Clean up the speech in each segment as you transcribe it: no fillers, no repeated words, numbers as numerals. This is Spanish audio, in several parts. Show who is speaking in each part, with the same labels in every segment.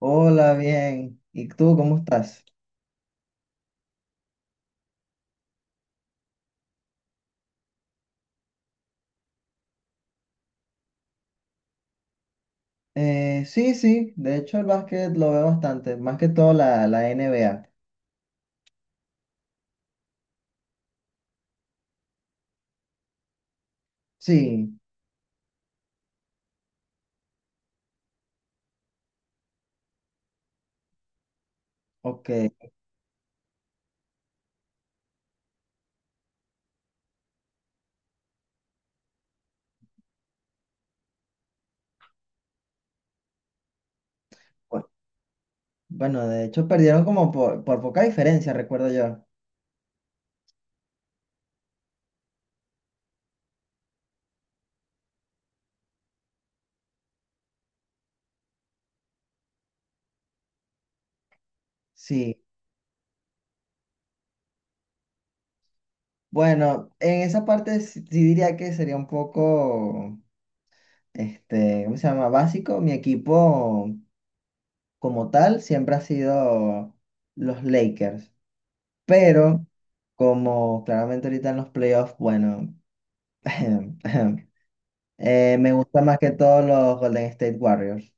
Speaker 1: Hola, bien. ¿Y tú cómo estás? Sí, sí, de hecho el básquet lo veo bastante, más que todo la NBA. Sí, ok. bu- Bueno, de hecho perdieron como por poca diferencia, recuerdo yo. Sí, bueno, en esa parte sí, sí diría que sería un poco, este, ¿cómo se llama? Básico. Mi equipo como tal siempre ha sido los Lakers, pero como claramente ahorita en los playoffs, bueno. Me gusta más que todos los Golden State Warriors.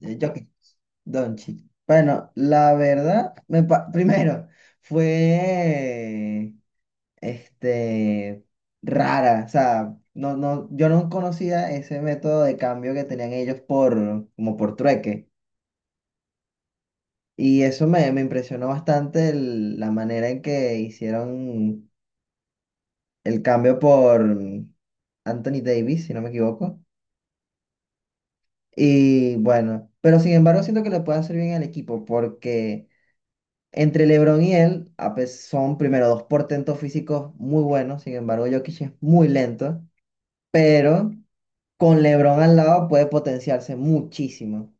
Speaker 1: Jokic, Doncic. Bueno, la verdad, primero, fue este, rara. O sea, no, no, yo no conocía ese método de cambio que tenían ellos por, como por trueque. Y eso me impresionó bastante la manera en que hicieron el cambio por Anthony Davis, si no me equivoco. Y bueno, pero sin embargo siento que le puede hacer bien al equipo porque entre LeBron y él son primero dos portentos físicos muy buenos, sin embargo Jokic es muy lento, pero con LeBron al lado puede potenciarse muchísimo.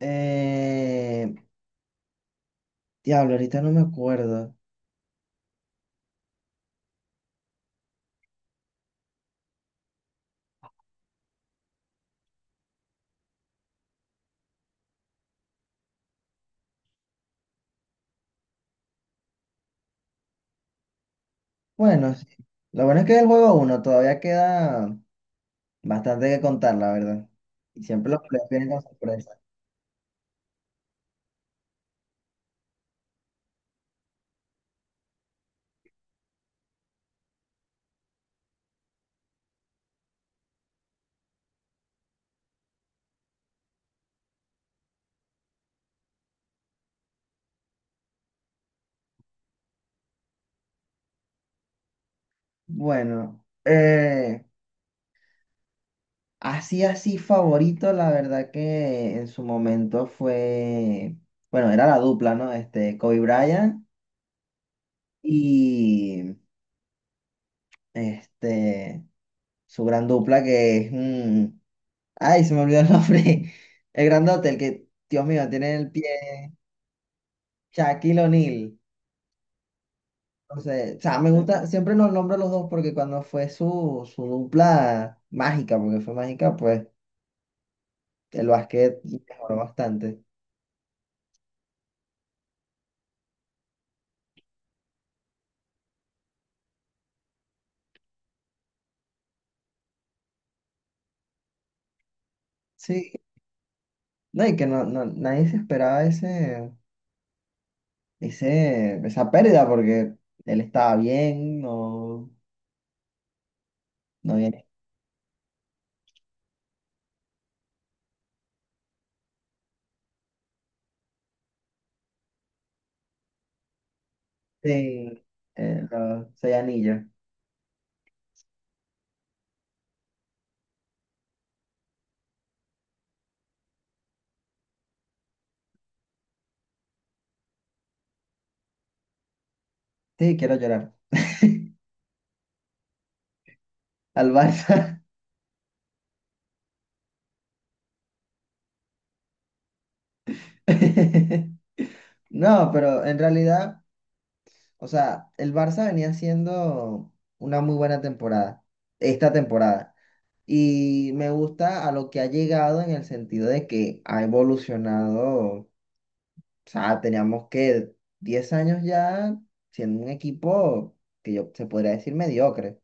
Speaker 1: Eh, Diablo, ahorita no me acuerdo. Bueno, sí. Lo bueno es que es el juego uno, todavía queda bastante que contar, la verdad. Y siempre los playoffs vienen con sorpresa. Bueno, así, así favorito, la verdad que en su momento fue, bueno, era la dupla, ¿no? Kobe Bryant y este, su gran dupla que es, ay, se me olvidó el nombre, el grandote, el que, Dios mío, tiene el pie, Shaquille O'Neal. Entonces, o sea, me gusta, siempre los nombro los dos porque cuando fue su dupla mágica, porque fue mágica, pues el básquet mejoró bastante. Sí. No, y que no, no, nadie se esperaba ese. Esa pérdida porque él estaba bien, no, no viene. Sí, los seis anillos. Sí, quiero llorar. Al Barça. No, pero en realidad, o sea, el Barça venía haciendo una muy buena temporada, esta temporada. Y me gusta a lo que ha llegado en el sentido de que ha evolucionado, o sea, teníamos que 10 años ya siendo un equipo que yo se podría decir mediocre.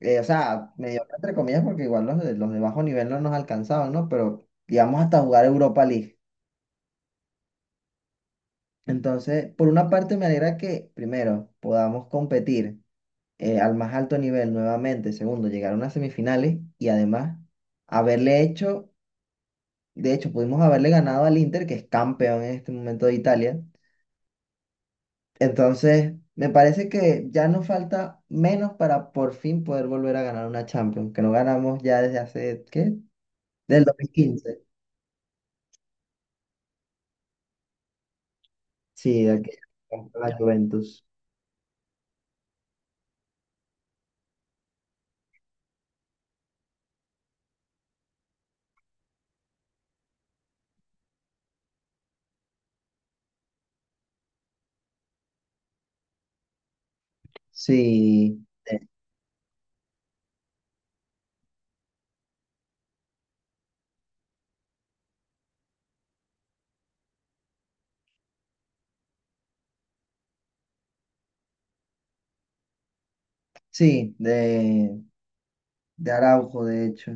Speaker 1: O sea, mediocre entre comillas, porque igual los de bajo nivel no nos alcanzaban, ¿no? Pero llegamos hasta jugar Europa League. Entonces, por una parte me alegra que, primero, podamos competir al más alto nivel nuevamente. Segundo, llegar a unas semifinales y además haberle hecho, de hecho, pudimos haberle ganado al Inter, que es campeón en este momento de Italia. Entonces, me parece que ya nos falta menos para por fin poder volver a ganar una Champions, que no ganamos ya desde hace, ¿qué? Del 2015. Sí, de aquella, contra la Juventus. Sí, sí, de Araujo, de hecho.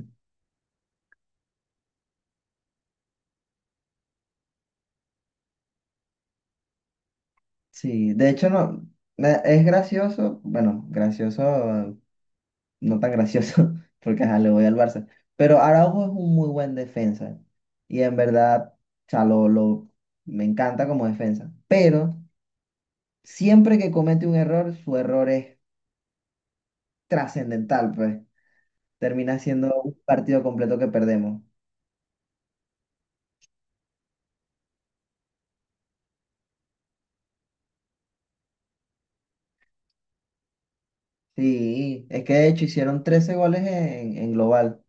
Speaker 1: Sí, de hecho no, es gracioso, bueno, gracioso, no tan gracioso, porque ajá, le voy al Barça, pero Araujo es un muy buen defensa y en verdad, o sea, me encanta como defensa, pero siempre que comete un error, su error es trascendental, pues termina siendo un partido completo que perdemos. Sí, es que de hecho hicieron 13 goles en global.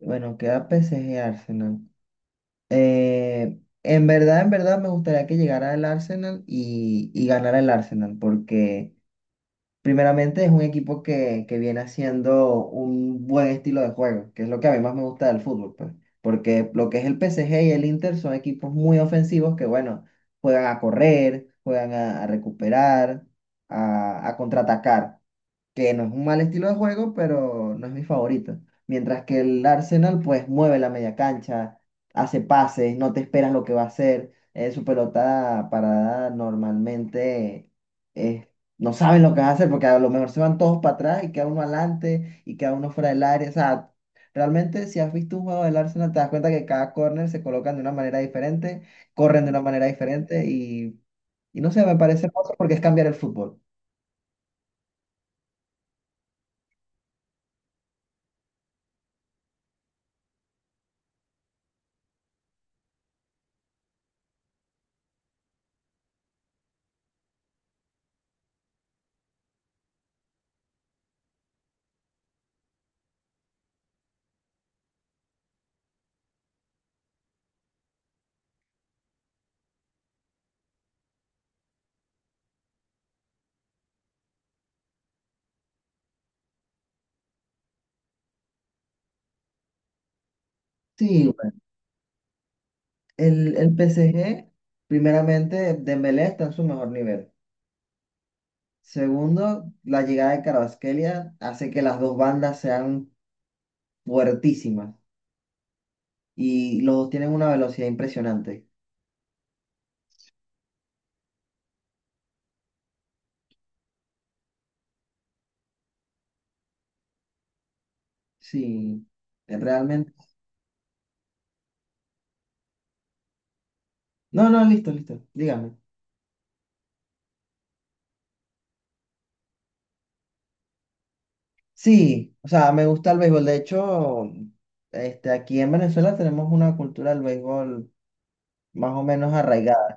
Speaker 1: Bueno, queda PSG. Arsenal. En verdad, en verdad me gustaría que llegara el Arsenal y ganara el Arsenal, porque primeramente es un equipo que viene haciendo un buen estilo de juego, que es lo que a mí más me gusta del fútbol, pues. Porque lo que es el PSG y el Inter son equipos muy ofensivos que, bueno, juegan a correr, juegan a recuperar, a a contraatacar. Que no es un mal estilo de juego, pero no es mi favorito. Mientras que el Arsenal, pues mueve la media cancha, hace pases, no te esperas lo que va a hacer. Su pelota parada normalmente eh, no saben lo que va a hacer porque a lo mejor se van todos para atrás y queda uno adelante y queda uno fuera del área. O sea, realmente si has visto un juego del Arsenal, te das cuenta que cada corner se colocan de una manera diferente, corren de una manera diferente y no sé, me parece hermoso porque es cambiar el fútbol. Sí, el PSG primeramente, Dembélé está en su mejor nivel. Segundo, la llegada de Kvaratskhelia hace que las dos bandas sean fuertísimas y los dos tienen una velocidad impresionante. Sí, realmente. No, no, listo, listo, dígame. Sí, o sea, me gusta el béisbol. De hecho, aquí en Venezuela tenemos una cultura del béisbol más o menos arraigada.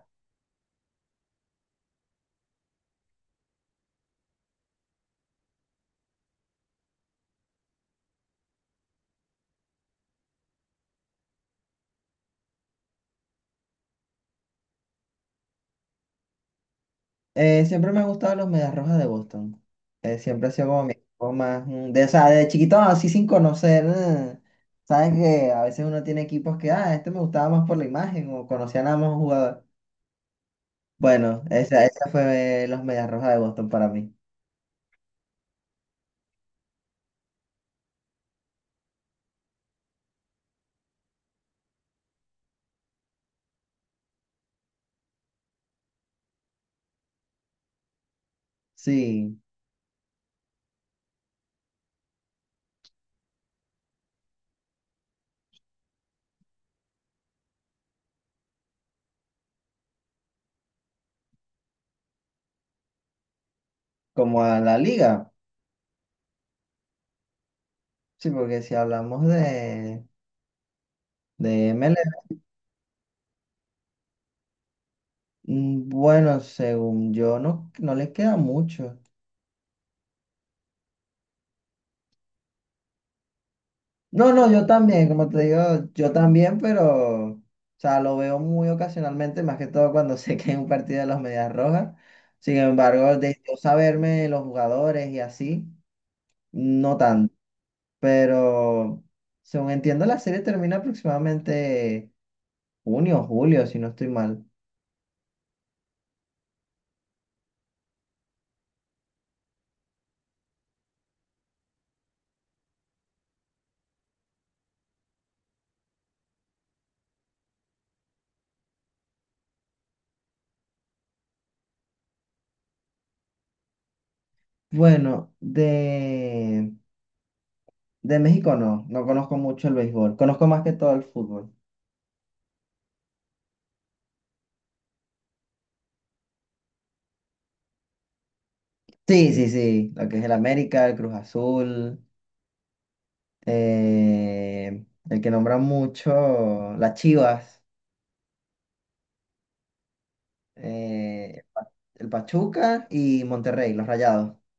Speaker 1: Siempre me han gustado los Medias Rojas de Boston. Siempre ha sido como mi equipo más. De, o sea, de chiquito así sin conocer. Sabes que a veces uno tiene equipos que, ah, este me gustaba más por la imagen o conocía nada más un jugador. Bueno, esa fue los Medias Rojas de Boston para mí. Sí, como a la liga. Sí, porque si hablamos de MLB, bueno, según yo, no, no les queda mucho. No, no, yo también, como te digo, yo también, pero, o sea, lo veo muy ocasionalmente, más que todo cuando sé que hay un partido de los Medias Rojas. Sin embargo, de yo saberme los jugadores y así, no tanto. Pero, según entiendo, la serie termina aproximadamente junio, julio, si no estoy mal. Bueno, de México no, no conozco mucho el béisbol, conozco más que todo el fútbol. Sí, sí, sí, lo que es el América, el Cruz Azul. eh, el que nombra mucho, las Chivas, el Pachuca y Monterrey, los Rayados.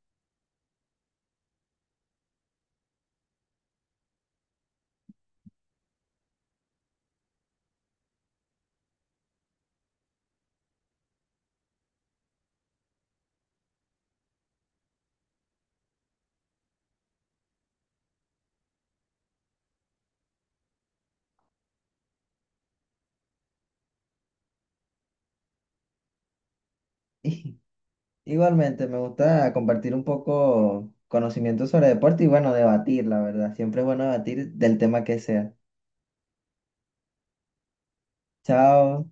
Speaker 1: Y- Igualmente, me gusta compartir un poco conocimiento sobre deporte y bueno, debatir, la verdad. Siempre es bueno debatir del tema que sea. Chao.